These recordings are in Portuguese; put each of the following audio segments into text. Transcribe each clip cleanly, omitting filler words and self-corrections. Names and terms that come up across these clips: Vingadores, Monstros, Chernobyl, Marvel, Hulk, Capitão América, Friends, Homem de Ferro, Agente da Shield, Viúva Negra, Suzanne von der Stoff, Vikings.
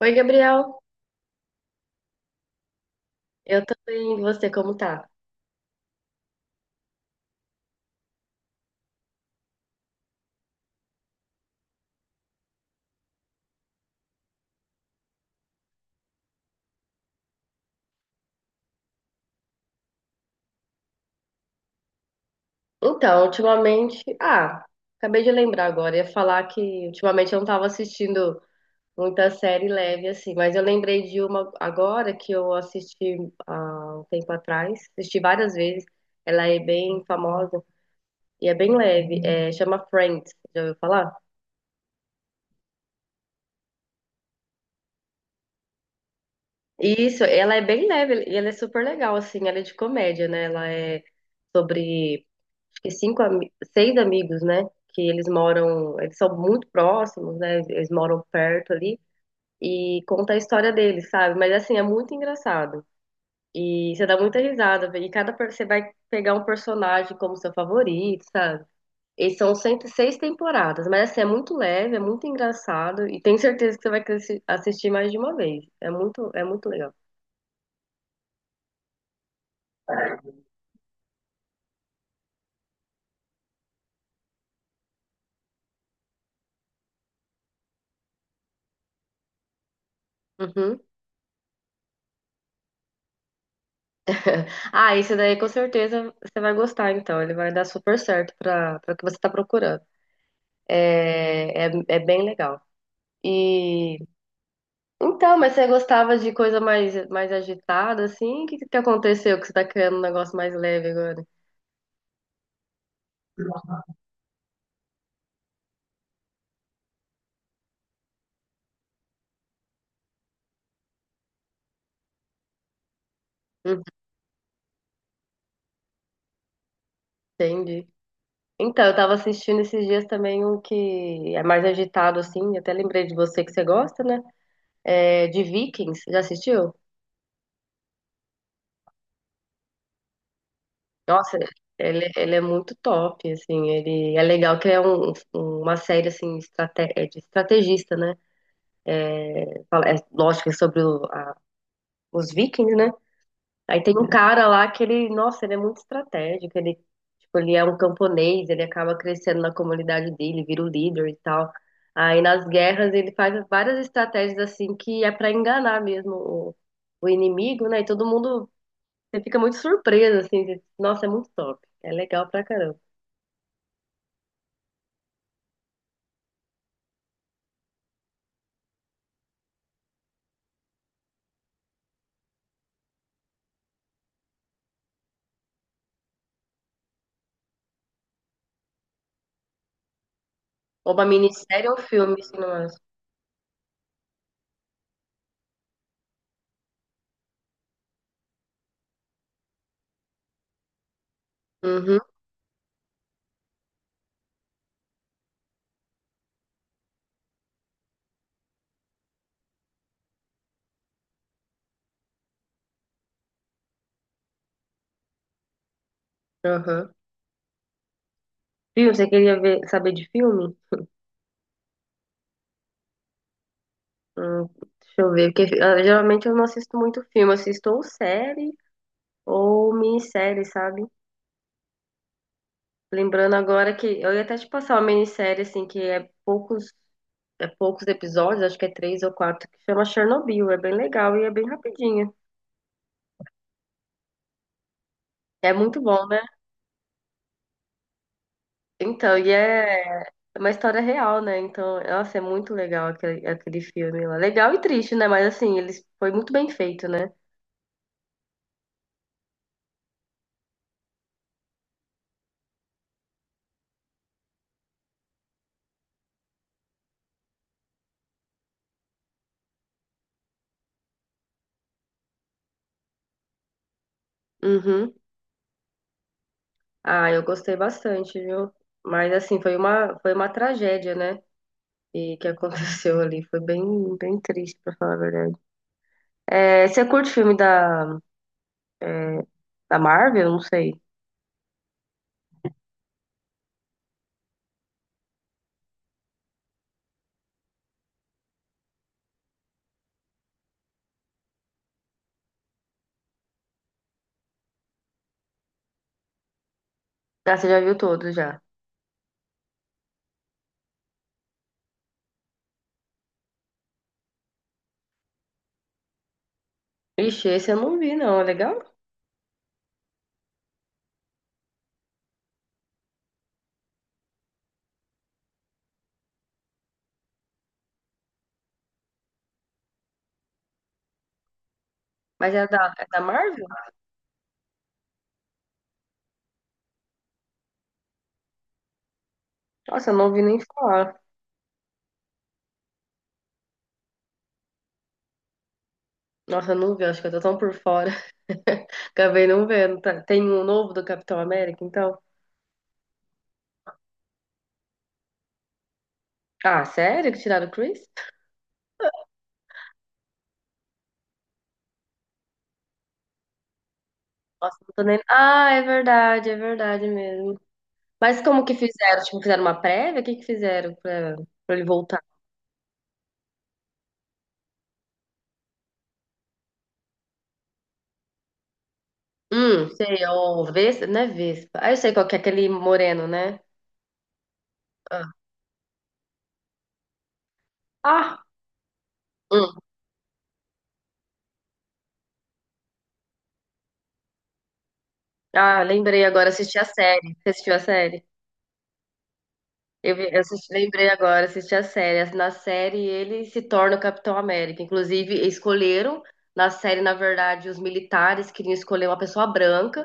Oi, Gabriel. Eu tô bem, e você como tá? Então, ultimamente, acabei de lembrar agora, ia falar que ultimamente eu não tava assistindo muita série leve assim, mas eu lembrei de uma agora que eu assisti há um tempo atrás, assisti várias vezes. Ela é bem famosa e é bem leve, chama Friends, já ouviu falar? Isso, ela é bem leve e ela é super legal assim, ela é de comédia, né? Ela é sobre que cinco, seis amigos, né? Que eles moram, eles são muito próximos, né? Eles moram perto ali e conta a história deles, sabe? Mas assim, é muito engraçado. E você dá muita risada, e você vai pegar um personagem como seu favorito, sabe? E são 106 temporadas, mas assim, é muito leve, é muito engraçado e tenho certeza que você vai assistir mais de uma vez. É muito legal. Uhum. Ah, esse daí com certeza você vai gostar, então. Ele vai dar super certo para o que você está procurando. É bem legal. E então, mas você gostava de coisa mais agitada, assim? O que, que aconteceu que você tá criando um negócio mais leve agora? Hum, Entendi. Então, eu tava assistindo esses dias também um que é mais agitado, assim. Até lembrei de você que você gosta, né? É, de Vikings. Já assistiu? Nossa, ele é muito top, assim. Ele é legal que é uma série, assim, é de estrategista, né? É, lógico, é sobre os Vikings, né? Aí tem um cara lá que ele, nossa, ele é muito estratégico, ele, tipo, ele é um camponês, ele acaba crescendo na comunidade dele, vira o líder e tal. Aí nas guerras ele faz várias estratégias assim que é pra enganar mesmo o inimigo, né? E todo mundo, você fica muito surpreso assim, nossa, é muito top. É legal pra caramba. Ou uma minissérie ou filme, se não acha. Uhum, uhum. Filme, você queria ver, saber de filme? Hum, deixa eu ver, porque geralmente eu não assisto muito filme, eu assisto ou série ou minissérie, sabe? Lembrando agora que eu ia até te passar uma minissérie, assim, que é poucos episódios, acho que é três ou quatro, que chama Chernobyl. É bem legal e é bem rapidinha. É muito bom, né? Então, e é uma história real, né? Então, nossa, é muito legal aquele filme lá. Legal e triste, né? Mas assim, ele foi muito bem feito, né? Uhum. Ah, eu gostei bastante, viu? Mas assim, foi uma tragédia, né? E que aconteceu ali. Foi bem, bem triste, pra falar a verdade. É, você curte filme da Marvel? Não sei. Ah, você já viu todos já. Ixi, esse eu não vi, não. É legal? Mas é da Marvel? Nossa, eu não vi nem falar. Nossa, eu não vi. Acho que eu tô tão por fora. Acabei não vendo. Tem um novo do Capitão América, então. Ah, sério? Que tiraram o Chris? Nossa, não tô nem. Ah, é verdade mesmo. Mas como que fizeram? Tipo, fizeram uma prévia? O que que fizeram pra ele voltar? Sei, é o Vespa, não é Vespa. Ah, eu sei qual que é aquele moreno, né? Ah, ah, hum. Ah, lembrei agora, assisti a série. Você assistiu a série? Eu, vi- eu assisti- lembrei agora, assisti a série. Na série ele se torna o Capitão América. Inclusive, escolheram, na série, na verdade, os militares queriam escolher uma pessoa branca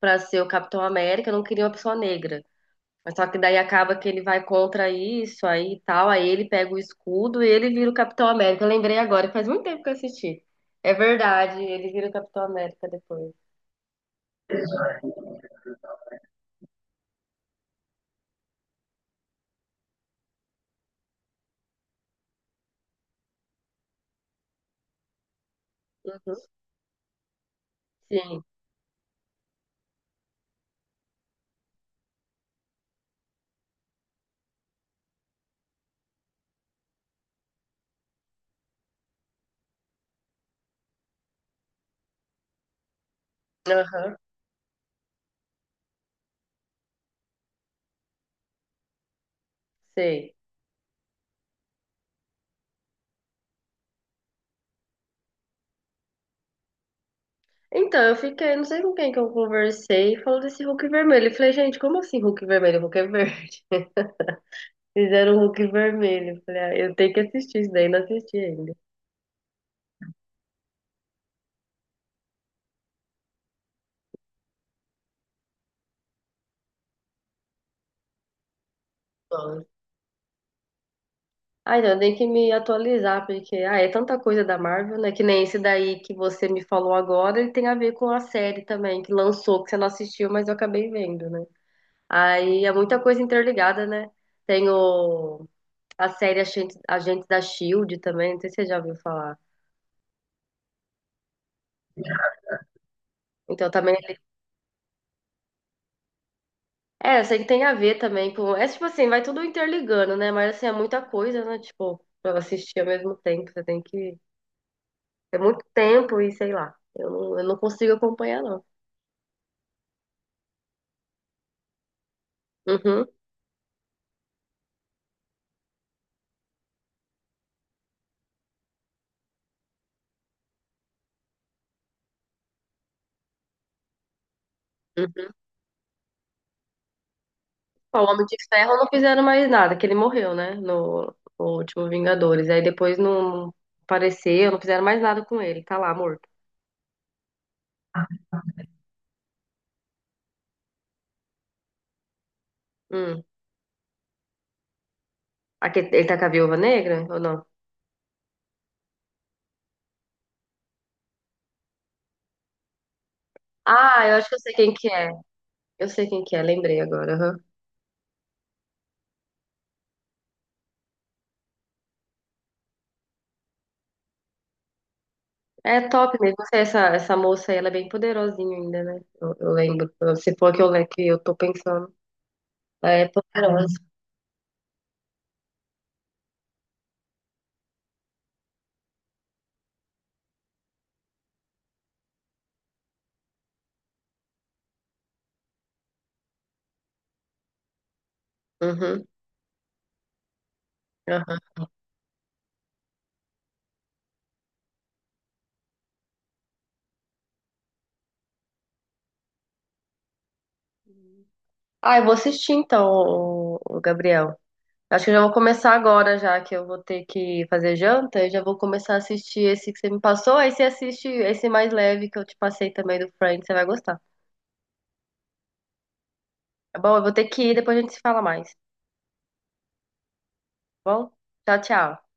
para ser o Capitão América, não queriam uma pessoa negra. Mas só que daí acaba que ele vai contra isso aí e tal, aí ele pega o escudo e ele vira o Capitão América. Eu lembrei agora, faz muito tempo que eu assisti. É verdade, ele vira o Capitão América depois. Uhum. Sim, aham, sei. Então, eu fiquei, não sei com quem que eu conversei, falando desse Hulk vermelho. Eu falei, gente, como assim Hulk vermelho? Hulk é verde. Fizeram um Hulk vermelho. Eu falei, ah, eu tenho que assistir isso daí, não assisti ainda. Nossa. Ah, então, eu tenho que me atualizar, porque é tanta coisa da Marvel, né? Que nem esse daí que você me falou agora, ele tem a ver com a série também, que lançou, que você não assistiu, mas eu acabei vendo, né? Aí é muita coisa interligada, né? Tem a série Agente da Shield também, não sei se você já ouviu falar. Então também eu sei que tem a ver também com. É tipo assim, vai tudo interligando, né? Mas assim, é muita coisa, né? Tipo, pra eu assistir ao mesmo tempo, você tem que. É muito tempo e sei lá. Eu não consigo acompanhar, não. Uhum, uhum. Ó, o Homem de Ferro não fizeram mais nada, que ele morreu, né? No, no último Vingadores. Aí depois não apareceu, não fizeram mais nada com ele. Tá lá, morto. Hum. Aqui, ele tá com a Viúva Negra ou não? Ah, eu acho que eu sei quem que é. Eu sei quem que é, lembrei agora. É top, né? Você, essa moça aí, ela é bem poderosinha ainda, né? Eu lembro. Se for a que que eu tô pensando. Ela é poderosa. Uhum. Aham. Ah, eu vou assistir então, o Gabriel. Acho que eu já vou começar agora, já que eu vou ter que fazer janta. Eu já vou começar a assistir esse que você me passou. Aí você assiste esse mais leve que eu te passei também do Friends. Você vai gostar. Tá bom? Eu vou ter que ir, depois a gente se fala mais. Tá bom? Tchau, tchau.